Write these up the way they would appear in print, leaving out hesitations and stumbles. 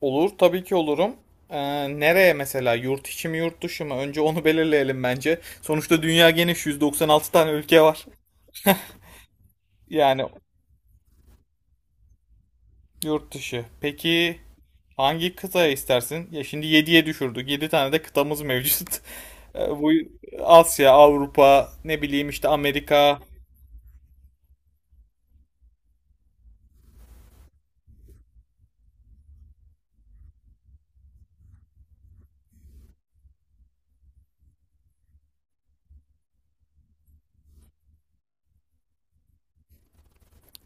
Olur tabii ki olurum. Nereye mesela? Yurt içi mi yurt dışı mı? Önce onu belirleyelim bence. Sonuçta dünya geniş 196 tane ülke var. Yani yurt dışı. Peki hangi kıtaya istersin? Ya şimdi 7'ye düşürdük. 7 tane de kıtamız mevcut. Bu Asya, Avrupa, ne bileyim işte Amerika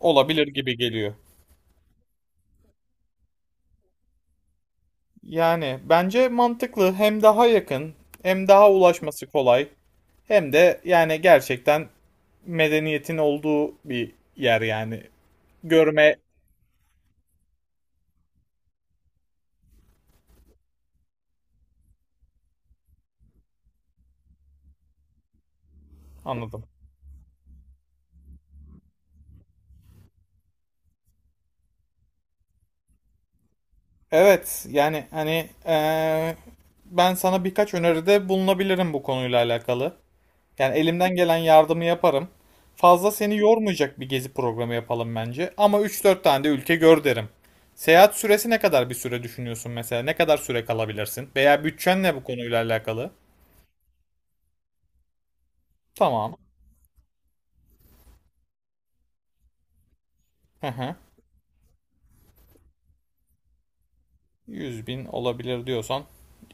olabilir gibi geliyor. Yani bence mantıklı. Hem daha yakın, hem daha ulaşması kolay, hem de yani gerçekten medeniyetin olduğu bir yer yani. Görme anladım. Evet yani hani ben sana birkaç öneride bulunabilirim bu konuyla alakalı. Yani elimden gelen yardımı yaparım. Fazla seni yormayacak bir gezi programı yapalım bence. Ama üç dört tane de ülke gör derim. Seyahat süresi ne kadar bir süre düşünüyorsun mesela? Ne kadar süre kalabilirsin? Veya bütçen ne bu konuyla alakalı? Tamam. Hı hı. 100 bin olabilir diyorsan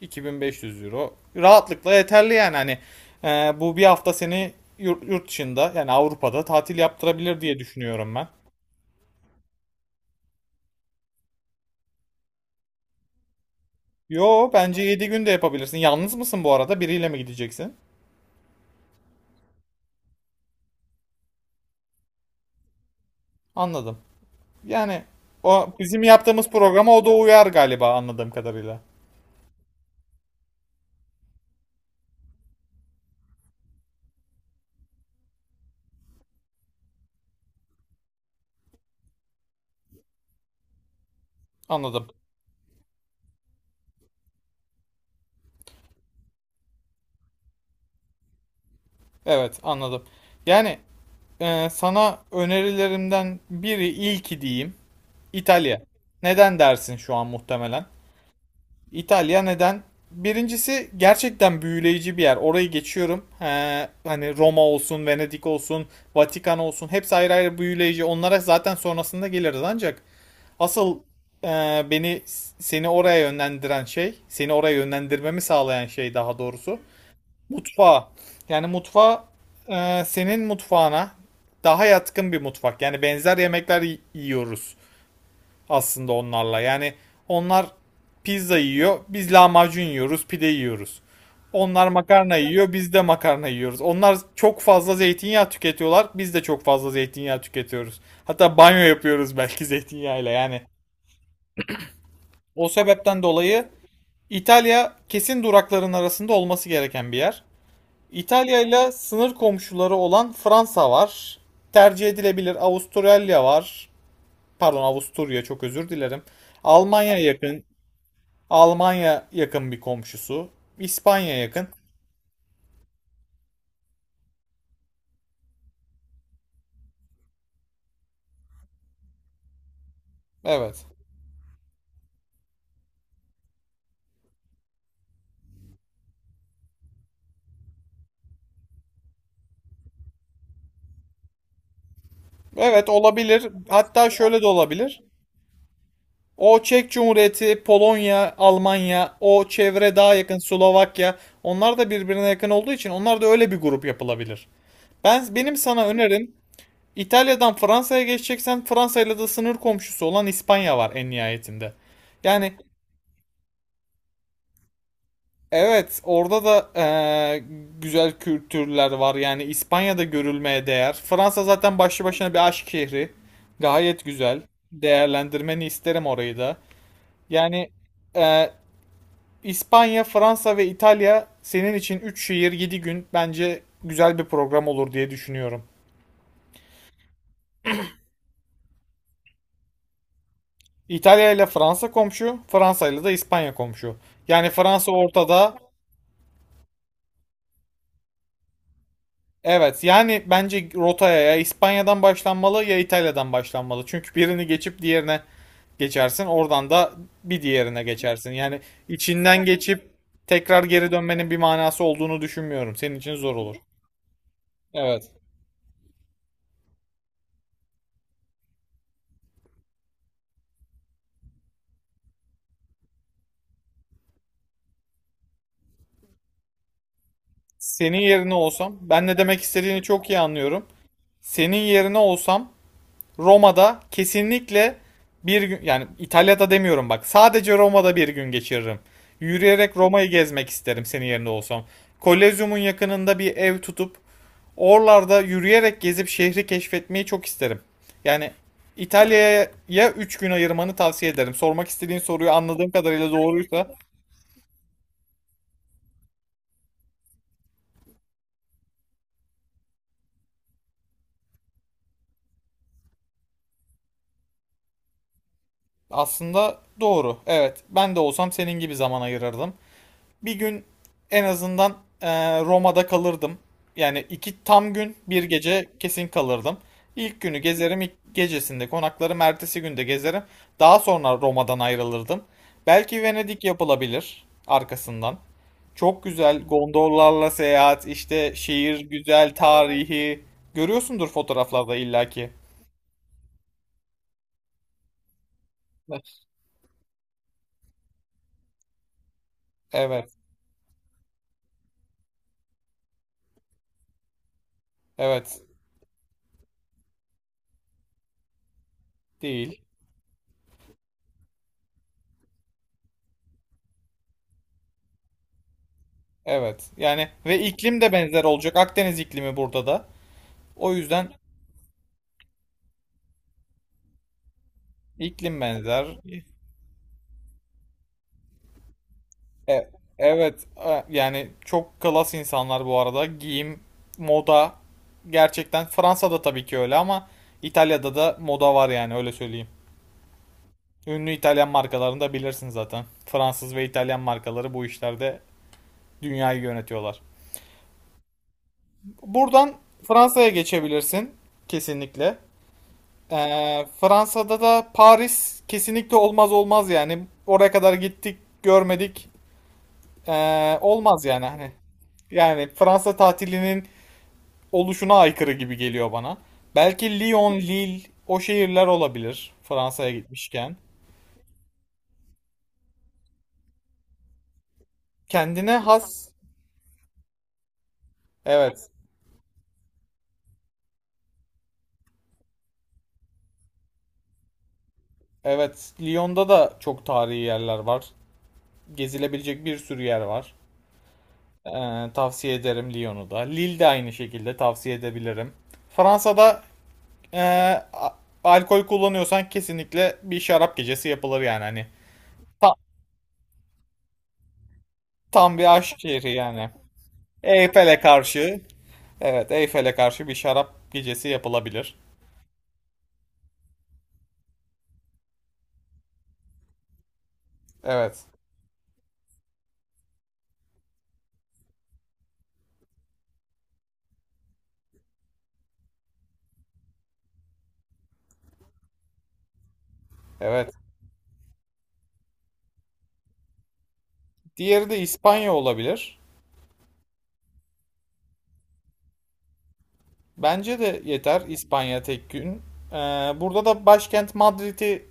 2500 euro rahatlıkla yeterli yani hani bu bir hafta seni yurt dışında yani Avrupa'da tatil yaptırabilir diye düşünüyorum ben. Yo bence 7 gün de yapabilirsin. Yalnız mısın bu arada? Biriyle mi gideceksin? Anladım. Yani o bizim yaptığımız programa o da uyar galiba anladığım kadarıyla. Anladım. Evet, anladım. Yani sana önerilerimden biri ilki diyeyim İtalya. Neden dersin şu an muhtemelen? İtalya neden? Birincisi gerçekten büyüleyici bir yer. Orayı geçiyorum. He, hani Roma olsun, Venedik olsun, Vatikan olsun hepsi ayrı ayrı büyüleyici. Onlara zaten sonrasında geliriz ancak asıl e, beni seni oraya yönlendiren şey, seni oraya yönlendirmemi sağlayan şey daha doğrusu mutfağı. Yani mutfağı senin mutfağına daha yatkın bir mutfak. Yani benzer yemekler yiyoruz aslında onlarla. Yani onlar pizza yiyor, biz lahmacun yiyoruz, pide yiyoruz. Onlar makarna yiyor, biz de makarna yiyoruz. Onlar çok fazla zeytinyağı tüketiyorlar, biz de çok fazla zeytinyağı tüketiyoruz. Hatta banyo yapıyoruz belki zeytinyağıyla yani. O sebepten dolayı İtalya kesin durakların arasında olması gereken bir yer. İtalya ile sınır komşuları olan Fransa var. Tercih edilebilir Avustralya var. Pardon Avusturya çok özür dilerim. Almanya yakın, Almanya yakın bir komşusu. İspanya yakın. Evet. Evet olabilir. Hatta şöyle de olabilir. O Çek Cumhuriyeti, Polonya, Almanya, o çevre daha yakın Slovakya. Onlar da birbirine yakın olduğu için onlar da öyle bir grup yapılabilir. Benim sana önerim İtalya'dan Fransa'ya geçeceksen Fransa ile de sınır komşusu olan İspanya var en nihayetinde. Yani evet, orada da güzel kültürler var. Yani İspanya'da görülmeye değer. Fransa zaten başlı başına bir aşk şehri. Gayet güzel. Değerlendirmeni isterim orayı da. Yani eee, İspanya, Fransa ve İtalya senin için 3 şehir 7 gün bence güzel bir program olur diye düşünüyorum. İtalya ile Fransa komşu, Fransa ile de İspanya komşu. Yani Fransa ortada. Evet yani bence rotaya ya İspanya'dan başlanmalı ya İtalya'dan başlanmalı. Çünkü birini geçip diğerine geçersin. Oradan da bir diğerine geçersin. Yani içinden geçip tekrar geri dönmenin bir manası olduğunu düşünmüyorum. Senin için zor olur. Evet. Senin yerine olsam ben ne demek istediğini çok iyi anlıyorum. Senin yerine olsam Roma'da kesinlikle bir gün yani İtalya'da demiyorum bak sadece Roma'da bir gün geçiririm. Yürüyerek Roma'yı gezmek isterim senin yerinde olsam. Kolezyumun yakınında bir ev tutup oralarda yürüyerek gezip şehri keşfetmeyi çok isterim. Yani İtalya'ya 3 gün ayırmanı tavsiye ederim. Sormak istediğin soruyu anladığım kadarıyla doğruysa aslında doğru. Evet ben de olsam senin gibi zaman ayırırdım. Bir gün en azından eee, Roma'da kalırdım. Yani iki tam gün bir gece kesin kalırdım. İlk günü gezerim, ilk gecesinde konaklarım, ertesi günde gezerim. Daha sonra Roma'dan ayrılırdım. Belki Venedik yapılabilir arkasından. Çok güzel gondollarla seyahat, işte şehir güzel, tarihi. Görüyorsundur fotoğraflarda illaki. Evet, evet. Değil. Evet. Yani ve iklim de benzer olacak. Akdeniz iklimi burada da. O yüzden İklim benzer. E- evet, yani çok klas insanlar bu arada. Giyim, moda gerçekten Fransa'da tabii ki öyle ama İtalya'da da moda var yani öyle söyleyeyim. Ünlü İtalyan markalarını da bilirsin zaten. Fransız ve İtalyan markaları bu işlerde dünyayı yönetiyorlar. Buradan Fransa'ya geçebilirsin kesinlikle. Fransa'da da Paris kesinlikle olmaz olmaz yani. Oraya kadar gittik, görmedik. Olmaz yani hani. Yani Fransa tatilinin oluşuna aykırı gibi geliyor bana. Belki Lyon, Lille o şehirler olabilir Fransa'ya gitmişken. Kendine has. Evet. Evet. Lyon'da da çok tarihi yerler var. Gezilebilecek bir sürü yer var. Tavsiye ederim Lyon'u da. Lille de aynı şekilde tavsiye edebilirim. Fransa'da ee, a- alkol kullanıyorsan kesinlikle bir şarap gecesi yapılır yani hani. Ta- tam bir aşk şehri yani. Eyfel'e karşı, evet Eyfel'e karşı bir şarap gecesi yapılabilir. Evet, evet. Diğeri de İspanya olabilir. Bence de yeter İspanya tek gün. Ee, burada da başkent Madrid'i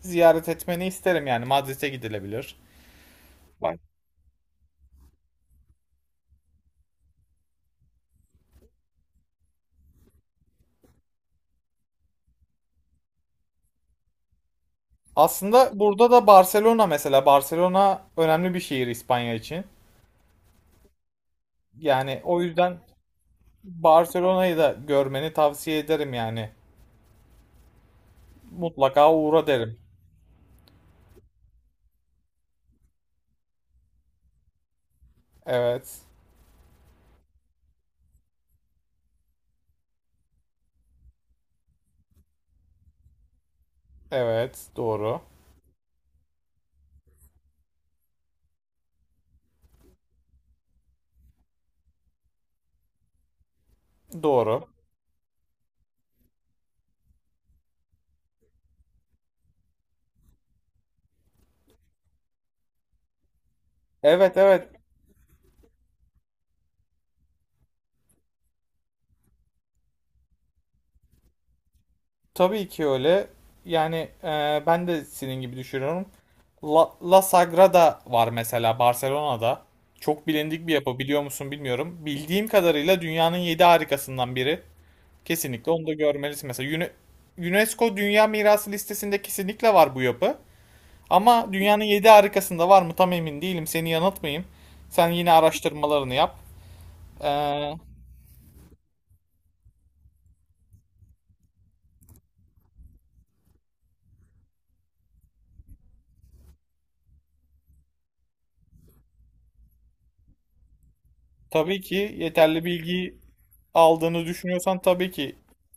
ziyaret etmeni isterim yani Madrid'e gidilebilir. Bak. Aslında burada da Barcelona mesela Barcelona önemli bir şehir İspanya için. Yani o yüzden Barcelona'yı da görmeni tavsiye ederim yani. Mutlaka uğra derim. Evet, evet, doğru. Doğru. Evet evet tabii ki öyle. Yani ben de senin gibi düşünüyorum. La Sagrada var mesela Barcelona'da. Çok bilindik bir yapı biliyor musun bilmiyorum. Bildiğim kadarıyla dünyanın 7 harikasından biri. Kesinlikle onu da görmelisin. Mesela UNESCO Dünya Mirası listesinde kesinlikle var bu yapı. Ama dünyanın 7 harikasında var mı tam emin değilim. Seni yanıltmayayım. Sen yine araştırmalarını yap. E, Tabii ki yeterli bilgiyi aldığını düşünüyorsan tabii ki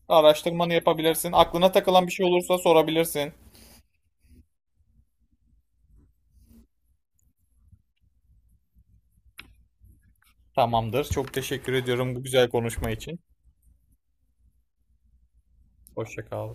araştırmanı yapabilirsin. Aklına takılan bir şey olursa sorabilirsin. Tamamdır. Çok teşekkür ediyorum bu güzel konuşma için. Hoşça kal.